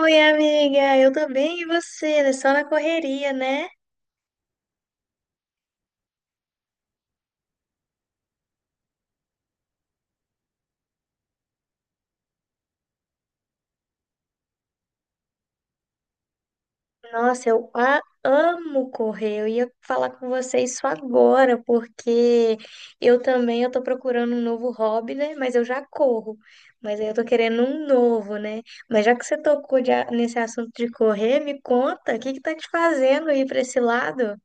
Oi, amiga, eu tô bem e você? Né? Só na correria, né? Nossa, eu amo correr. Eu ia falar com você isso agora, porque eu também eu tô procurando um novo hobby, né? Mas eu já corro. Mas aí eu tô querendo um novo, né? Mas já que você tocou nesse assunto de correr, me conta, o que que tá te fazendo ir pra esse lado?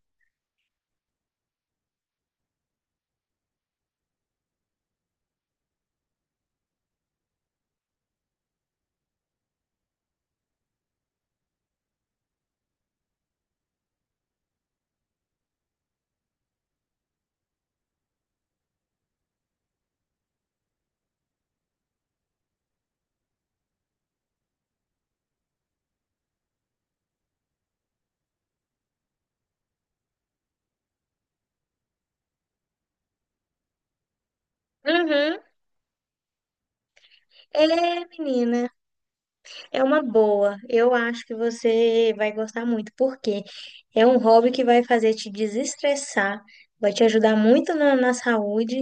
Uhum. É, menina. É uma boa. Eu acho que você vai gostar muito, porque é um hobby que vai fazer te desestressar, vai te ajudar muito na saúde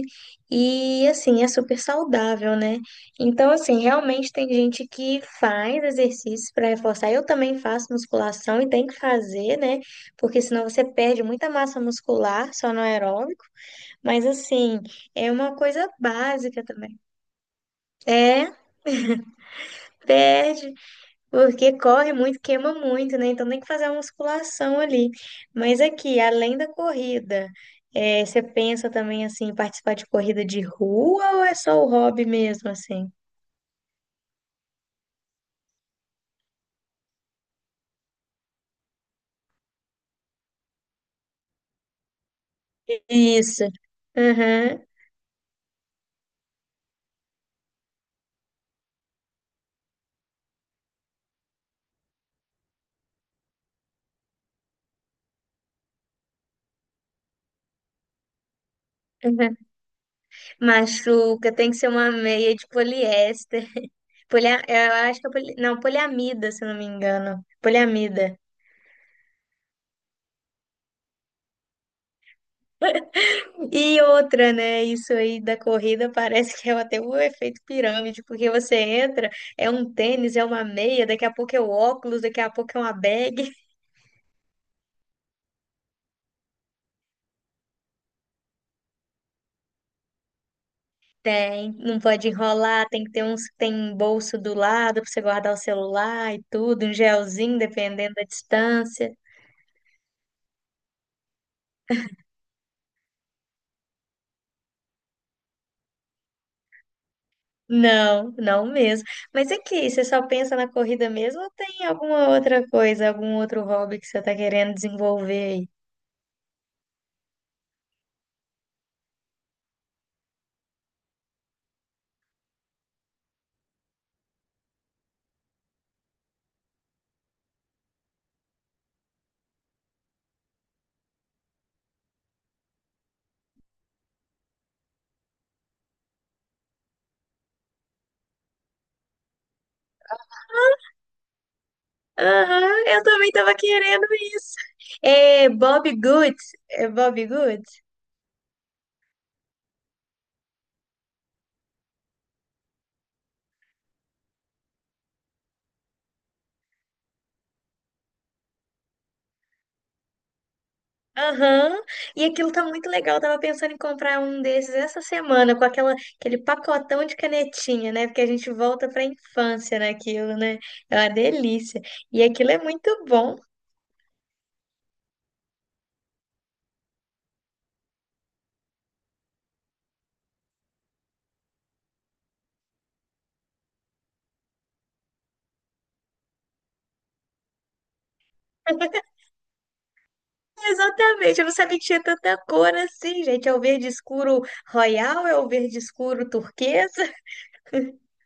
e, assim, é super saudável, né? Então, assim, realmente tem gente que faz exercícios para reforçar. Eu também faço musculação e tem que fazer, né? Porque senão você perde muita massa muscular só no aeróbico. Mas, assim, é uma coisa básica também. É, perde. Porque corre muito, queima muito, né? Então tem que fazer uma musculação ali. Mas aqui, além da corrida, você pensa também assim, em participar de corrida de rua ou é só o hobby mesmo, assim? Isso. Aham, aham. Machuca, tem que ser uma meia de poliéster. Eu acho que é não, poliamida, se eu não me engano. Poliamida. E outra, né? Isso aí da corrida parece que é até um efeito pirâmide, porque você entra, é um tênis, é uma meia, daqui a pouco é o óculos, daqui a pouco é uma bag. Tem, não pode enrolar, tem que ter uns, tem um bolso do lado para você guardar o celular e tudo, um gelzinho, dependendo da distância. Não, não mesmo. Mas aqui, você só pensa na corrida mesmo ou tem alguma outra coisa, algum outro hobby que você tá querendo desenvolver aí? Aham, eu também tava querendo isso. É Bob Good é Bob Good. Aham, e aquilo tá muito legal. Eu tava pensando em comprar um desses essa semana, com aquele pacotão de canetinha, né? Porque a gente volta pra infância naquilo, né? É uma delícia. E aquilo é muito bom. Exatamente, eu não sabia que tinha tanta cor assim, gente. É o verde escuro royal, é o verde escuro turquesa.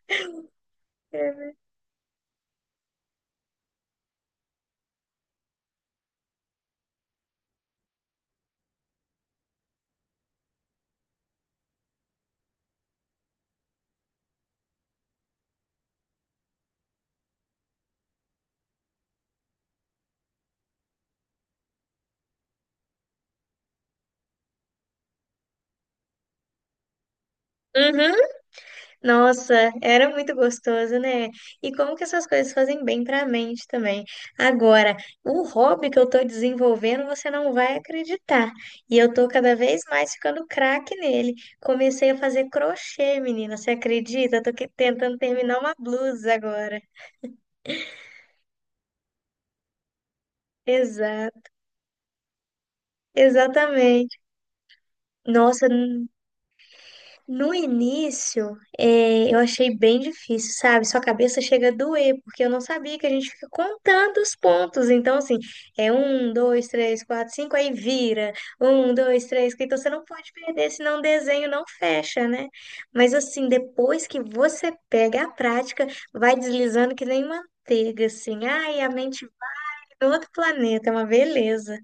Uhum. Nossa, era muito gostoso, né? E como que essas coisas fazem bem para a mente também. Agora, o hobby que eu tô desenvolvendo, você não vai acreditar. E eu tô cada vez mais ficando craque nele. Comecei a fazer crochê, menina, você acredita? Eu tô tentando terminar uma blusa agora. Exato, exatamente. Nossa, no início, eu achei bem difícil, sabe? Sua cabeça chega a doer, porque eu não sabia que a gente fica contando os pontos. Então, assim, é um, dois, três, quatro, cinco, aí vira. Um, dois, três, quatro. Então você não pode perder, senão o desenho não fecha, né? Mas, assim, depois que você pega a prática, vai deslizando que nem manteiga, assim. Ai, a mente vai pra outro planeta, é uma beleza.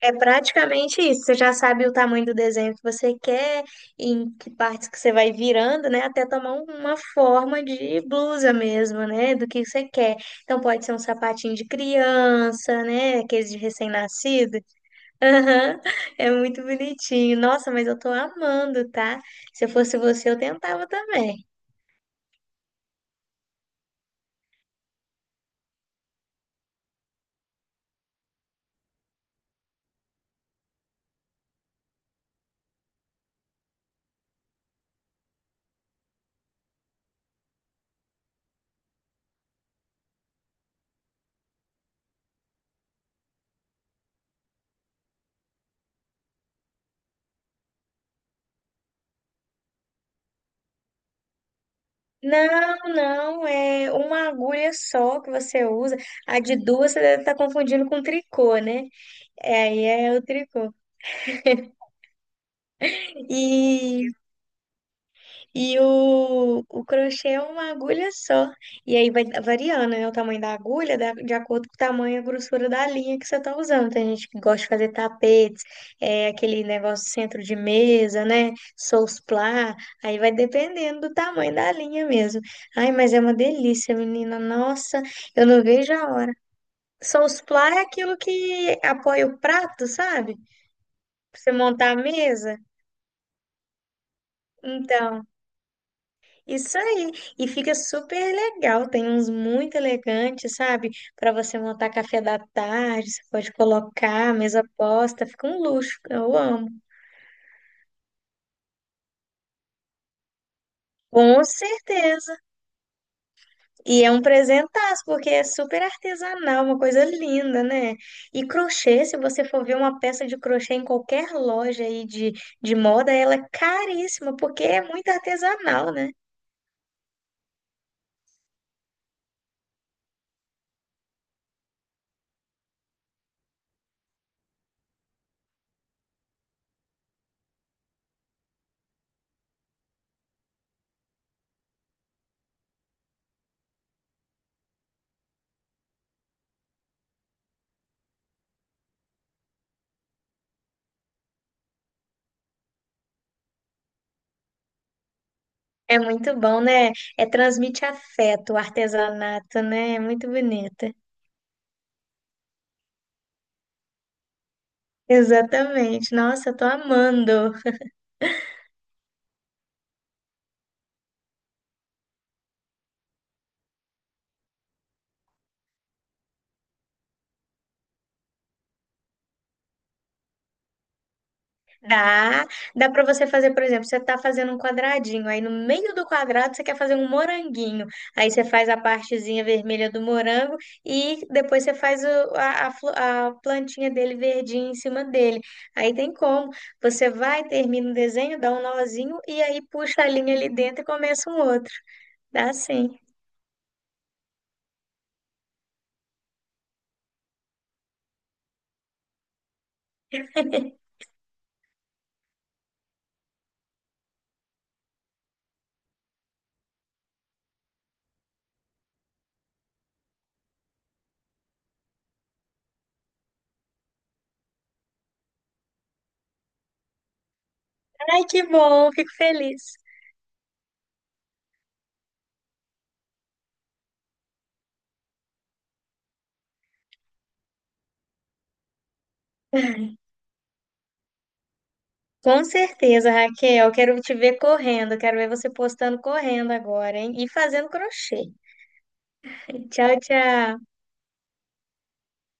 É praticamente isso. Você já sabe o tamanho do desenho que você quer, em que partes que você vai virando, né? Até tomar uma forma de blusa mesmo, né? Do que você quer. Então pode ser um sapatinho de criança, né? Aqueles de recém-nascido. Aham. É muito bonitinho. Nossa, mas eu tô amando, tá? Se eu fosse você, eu tentava também. Não, não, é uma agulha só que você usa. A de duas você deve estar confundindo com tricô, né? É, aí é o tricô. E, e o crochê é uma agulha só. E aí vai variando, né, o tamanho da agulha de acordo com o tamanho e a grossura da linha que você tá usando. Tem gente que gosta de fazer tapetes, é, aquele negócio centro de mesa, né? Sousplá. Aí vai dependendo do tamanho da linha mesmo. Ai, mas é uma delícia, menina. Nossa, eu não vejo a hora. Sousplá é aquilo que apoia o prato, sabe? Pra você montar a mesa. Então. Isso aí. E fica super legal. Tem uns muito elegantes, sabe? Para você montar café da tarde, você pode colocar mesa posta, fica um luxo. Eu amo. Com certeza. E é um presentaço, porque é super artesanal, uma coisa linda, né? E crochê, se você for ver uma peça de crochê em qualquer loja aí de moda, ela é caríssima, porque é muito artesanal, né? É muito bom, né? É transmite afeto, o artesanato, né? É muito bonito. Exatamente. Nossa, eu tô amando. Dá, dá para você fazer, por exemplo, você tá fazendo um quadradinho, aí no meio do quadrado você quer fazer um moranguinho. Aí você faz a partezinha vermelha do morango e depois você faz a plantinha dele verdinha em cima dele. Aí tem como. Você vai, termina o desenho, dá um nozinho e aí puxa a linha ali dentro e começa um outro. Dá sim. Ai, que bom, fico feliz. Com certeza, Raquel. Quero te ver correndo. Quero ver você postando correndo agora, hein? E fazendo crochê. Tchau, tchau.